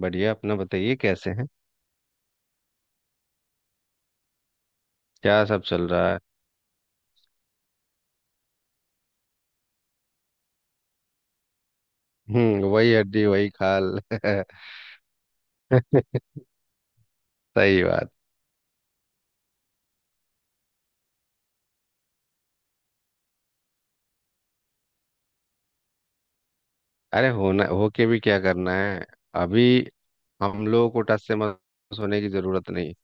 बढ़िया। अपना बताइए, कैसे हैं? क्या सब चल रहा है? हम्म, वही हड्डी वही खाल। सही बात। अरे होना होके भी क्या करना है? अभी हम लोगों को टस से मस होने की जरूरत नहीं।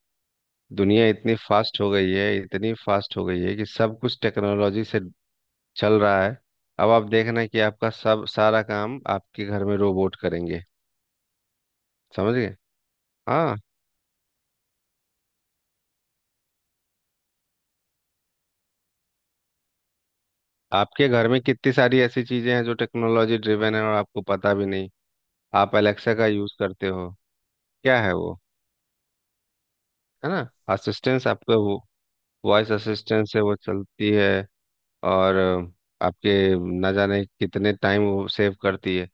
दुनिया इतनी फास्ट हो गई है, कि सब कुछ टेक्नोलॉजी से चल रहा है। अब आप देखना कि आपका सब सारा काम आपके घर में रोबोट करेंगे। समझ गए? हाँ, आपके घर में कितनी सारी ऐसी चीजें हैं जो टेक्नोलॉजी ड्रिवेन है और आपको पता भी नहीं। आप एलेक्सा का यूज करते हो? क्या है वो, है ना? असिस्टेंस आपका, वो वॉइस असिस्टेंस है, वो चलती है। और आपके ना जाने कितने टाइम वो सेव करती है,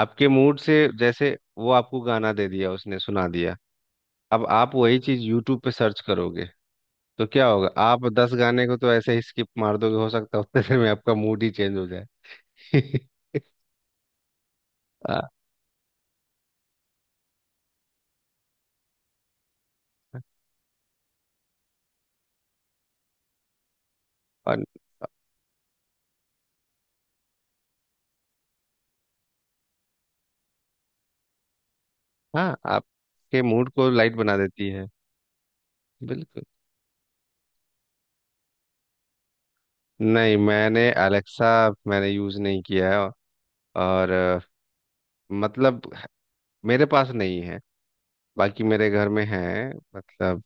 आपके मूड से। जैसे वो आपको गाना दे दिया, उसने सुना दिया। अब आप वही चीज यूट्यूब पे सर्च करोगे तो क्या होगा, आप 10 गाने को तो ऐसे ही स्किप मार दोगे। हो सकता है उतने देर में आपका मूड ही चेंज हो जाए। आ, और हाँ, आपके मूड को लाइट बना देती है। बिल्कुल। नहीं, मैंने यूज़ नहीं किया है। और मतलब मेरे पास नहीं है, बाकी मेरे घर में है। मतलब,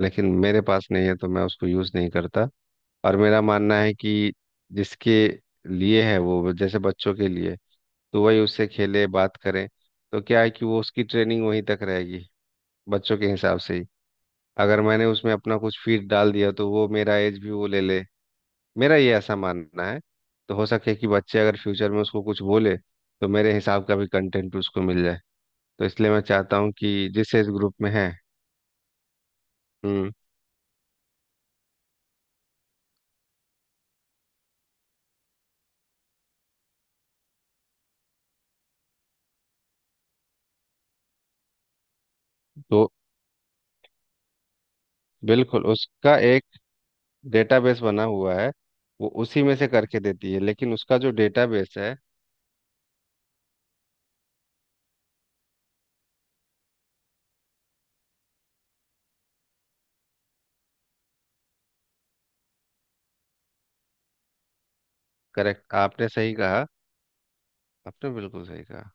लेकिन मेरे पास नहीं है तो मैं उसको यूज़ नहीं करता। और मेरा मानना है कि जिसके लिए है, वो जैसे बच्चों के लिए, तो वही उससे खेले, बात करें, तो क्या है कि वो उसकी ट्रेनिंग वहीं तक रहेगी, बच्चों के हिसाब से ही। अगर मैंने उसमें अपना कुछ फीड डाल दिया तो वो मेरा एज भी वो ले ले। मेरा ये ऐसा मानना है। तो हो सके कि बच्चे अगर फ्यूचर में उसको कुछ बोले, तो मेरे हिसाब का भी कंटेंट उसको मिल जाए। तो इसलिए मैं चाहता हूँ कि जिस एज ग्रुप में है। हम्म। तो बिल्कुल उसका एक डेटाबेस बना हुआ है, वो उसी में से करके देती है, लेकिन उसका जो डेटाबेस है। करेक्ट, आपने सही कहा, आपने बिल्कुल सही कहा।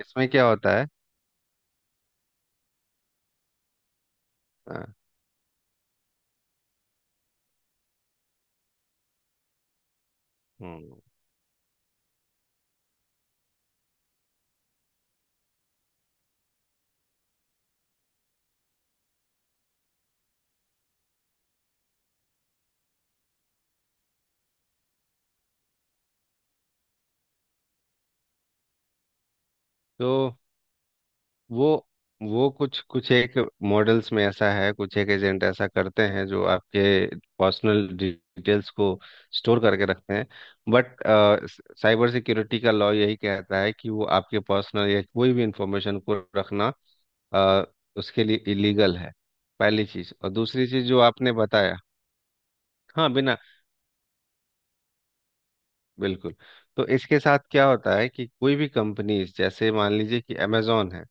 इसमें क्या होता है? हाँ, हम्म। तो वो वो कुछ कुछ एक मॉडल्स में ऐसा है, कुछ एक एजेंट ऐसा करते हैं जो आपके पर्सनल डिटेल्स को स्टोर करके रखते हैं। बट साइबर सिक्योरिटी का लॉ यही कहता है कि वो आपके पर्सनल या कोई भी इंफॉर्मेशन को रखना, अ, उसके लिए इलीगल है। पहली चीज। और दूसरी चीज जो आपने बताया, हाँ, बिना, बिल्कुल। तो इसके साथ क्या होता है कि कोई भी कंपनीज, जैसे मान लीजिए कि अमेजोन है।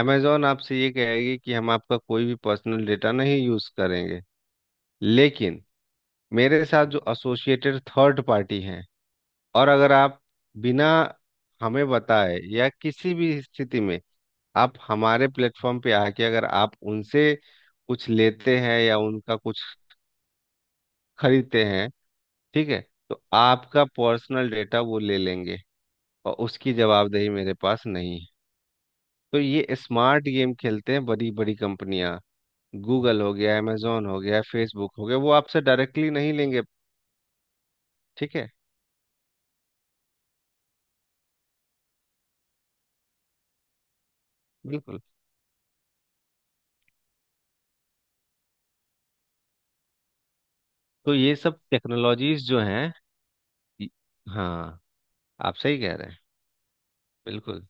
अमेजॉन आपसे ये कहेगी कि हम आपका कोई भी पर्सनल डेटा नहीं यूज करेंगे, लेकिन मेरे साथ जो एसोसिएटेड थर्ड पार्टी हैं, और अगर आप बिना हमें बताए या किसी भी स्थिति में आप हमारे प्लेटफॉर्म पे आके अगर आप उनसे कुछ लेते हैं या उनका कुछ खरीदते हैं, ठीक है, तो आपका पर्सनल डेटा वो ले लेंगे, और उसकी जवाबदेही मेरे पास नहीं है। तो ये स्मार्ट गेम खेलते हैं बड़ी बड़ी कंपनियां। गूगल हो गया, amazon हो गया, फेसबुक हो गया, वो आपसे डायरेक्टली नहीं लेंगे। ठीक है, बिल्कुल। तो ये सब टेक्नोलॉजीज जो हैं ये- हाँ, आप सही कह रहे हैं, बिल्कुल।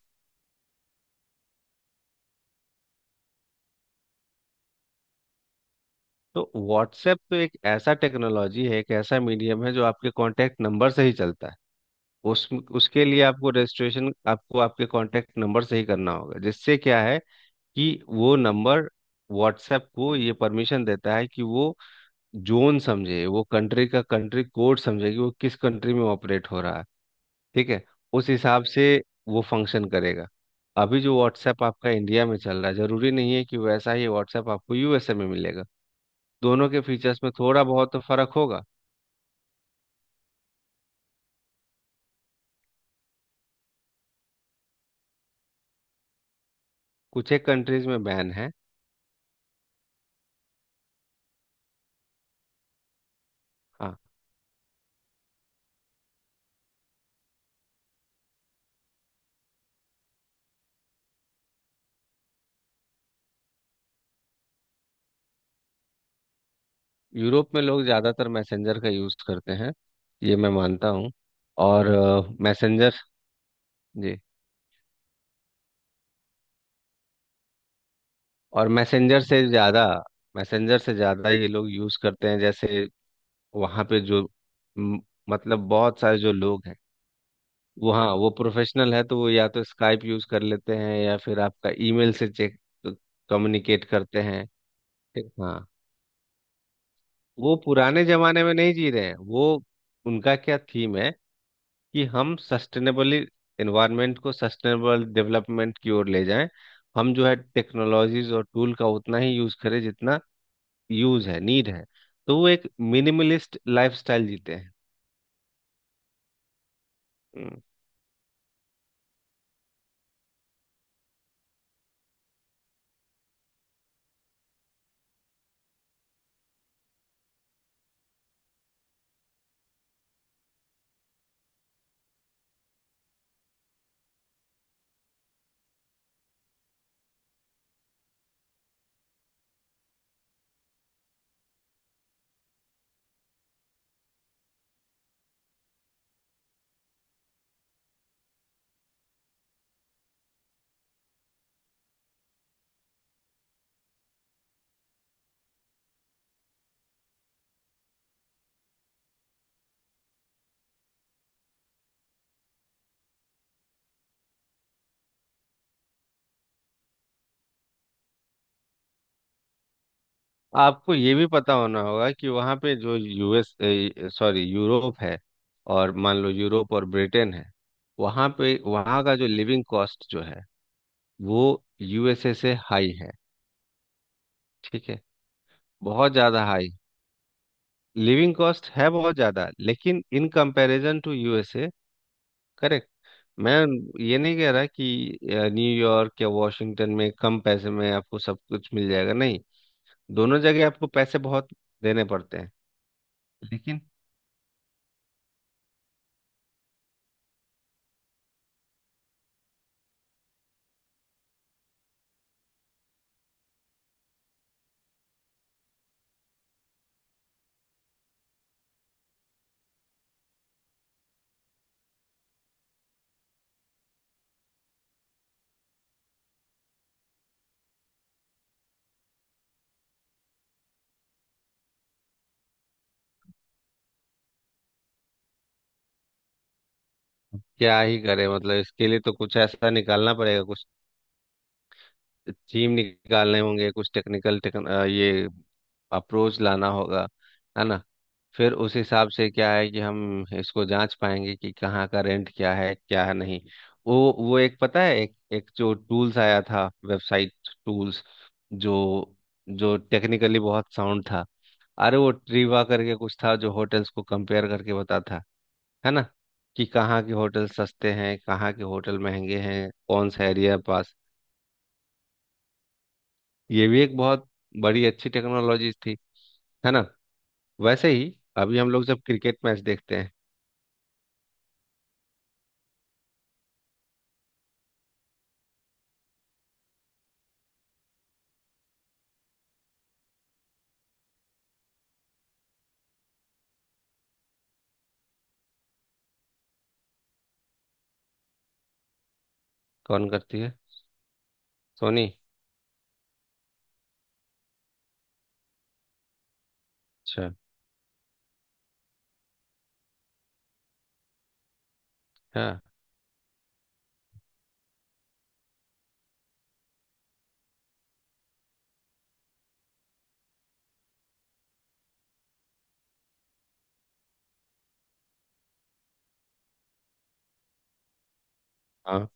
तो व्हाट्सएप तो एक ऐसा टेक्नोलॉजी है, एक ऐसा मीडियम है जो आपके कांटेक्ट नंबर से ही चलता है। उस उसके लिए आपको रजिस्ट्रेशन आपको आपके कांटेक्ट नंबर से ही करना होगा, जिससे क्या है कि वो नंबर व्हाट्सएप को ये परमिशन देता है कि वो जोन समझे, वो कंट्री का कंट्री कोड समझे, कि वो किस कंट्री में ऑपरेट हो रहा है। ठीक है, उस हिसाब से वो फंक्शन करेगा। अभी जो व्हाट्सएप आपका इंडिया में चल रहा है, जरूरी नहीं है कि वैसा ही व्हाट्सएप आपको यूएसए में मिलेगा। दोनों के फीचर्स में थोड़ा बहुत तो फर्क होगा। कुछ एक कंट्रीज में बैन है। हाँ, यूरोप में लोग ज़्यादातर मैसेंजर का यूज़ करते हैं, ये मैं मानता हूँ। और मैसेंजर, जी। और मैसेंजर से ज़्यादा ये लोग यूज़ करते हैं, जैसे वहाँ पे जो म, मतलब बहुत सारे जो लोग हैं वो, हाँ वो प्रोफेशनल है, तो वो या तो स्काइप यूज कर लेते हैं या फिर आपका ईमेल से चेक, कम्युनिकेट करते हैं। ठीक, हाँ। वो पुराने जमाने में नहीं जी रहे हैं वो। उनका क्या थीम है कि हम सस्टेनेबली एनवायरनमेंट को सस्टेनेबल डेवलपमेंट की ओर ले जाएं। हम जो है टेक्नोलॉजीज और टूल का उतना ही यूज करें जितना यूज है, नीड है। तो वो एक मिनिमलिस्ट लाइफस्टाइल जीते हैं। हम्म। आपको ये भी पता होना होगा कि वहाँ पे जो यूएस, सॉरी यूरोप है, और मान लो यूरोप और ब्रिटेन है, वहाँ पे वहाँ का जो लिविंग कॉस्ट जो है वो यूएसए से हाई है। ठीक है, बहुत ज़्यादा हाई लिविंग कॉस्ट है, बहुत ज़्यादा, लेकिन in comparison to USA. Correct. मैं ये नहीं कह रहा कि न्यूयॉर्क या वॉशिंगटन में कम पैसे में आपको सब कुछ मिल जाएगा, नहीं। दोनों जगह आपको पैसे बहुत देने पड़ते हैं, लेकिन क्या ही करे, मतलब इसके लिए तो कुछ ऐसा निकालना पड़ेगा, कुछ थीम निकालने होंगे, कुछ टेक्निकल ये अप्रोच लाना होगा, है ना? फिर उस हिसाब से क्या है कि हम इसको जांच पाएंगे कि कहाँ का रेंट क्या है, क्या है नहीं। वो एक पता है, एक एक जो टूल्स आया था वेबसाइट, टूल्स, जो जो टेक्निकली बहुत साउंड था। अरे वो ट्रीवा करके कुछ था, जो होटल्स को कंपेयर करके बताता है ना, कि कहाँ के होटल सस्ते हैं, कहाँ के होटल महंगे हैं, कौन सा एरिया पास। ये भी एक बहुत बड़ी अच्छी टेक्नोलॉजी थी, है ना? वैसे ही अभी हम लोग जब क्रिकेट मैच देखते हैं। कौन करती है? सोनी? अच्छा, हाँ। हाँ,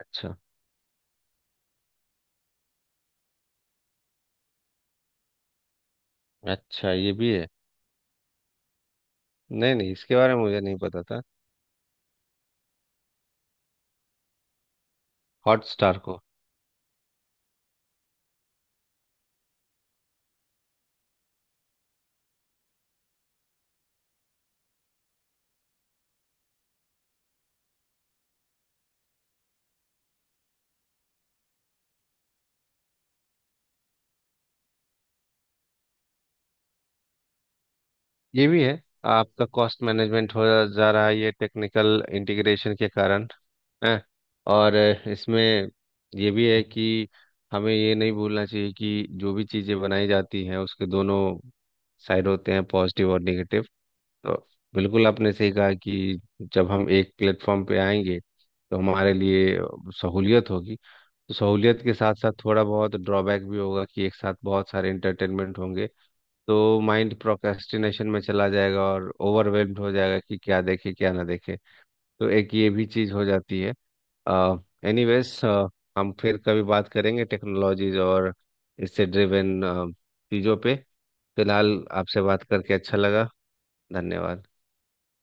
अच्छा अच्छा। ये भी है। नहीं नहीं, इसके बारे में मुझे नहीं पता था। हॉटस्टार को? ये भी है। आपका कॉस्ट मैनेजमेंट हो जा रहा है ये टेक्निकल इंटीग्रेशन के कारण, हैं। और इसमें ये भी है कि हमें ये नहीं भूलना चाहिए कि जो भी चीज़ें बनाई जाती हैं, उसके दोनों साइड होते हैं, पॉजिटिव और नेगेटिव। तो बिल्कुल आपने सही कहा, कि जब हम एक प्लेटफॉर्म पे आएंगे तो हमारे लिए सहूलियत होगी। तो सहूलियत के साथ साथ थोड़ा बहुत ड्रॉबैक भी होगा, कि एक साथ बहुत सारे एंटरटेनमेंट होंगे, तो माइंड प्रोक्रेस्टिनेशन में चला जाएगा और ओवरवेल्म्ड हो जाएगा कि क्या देखे क्या ना देखे। तो एक ये भी चीज़ हो जाती है। एनीवेज, हम फिर कभी बात करेंगे टेक्नोलॉजीज और इससे ड्रिवन चीज़ों पे। फिलहाल आपसे बात करके अच्छा लगा। धन्यवाद।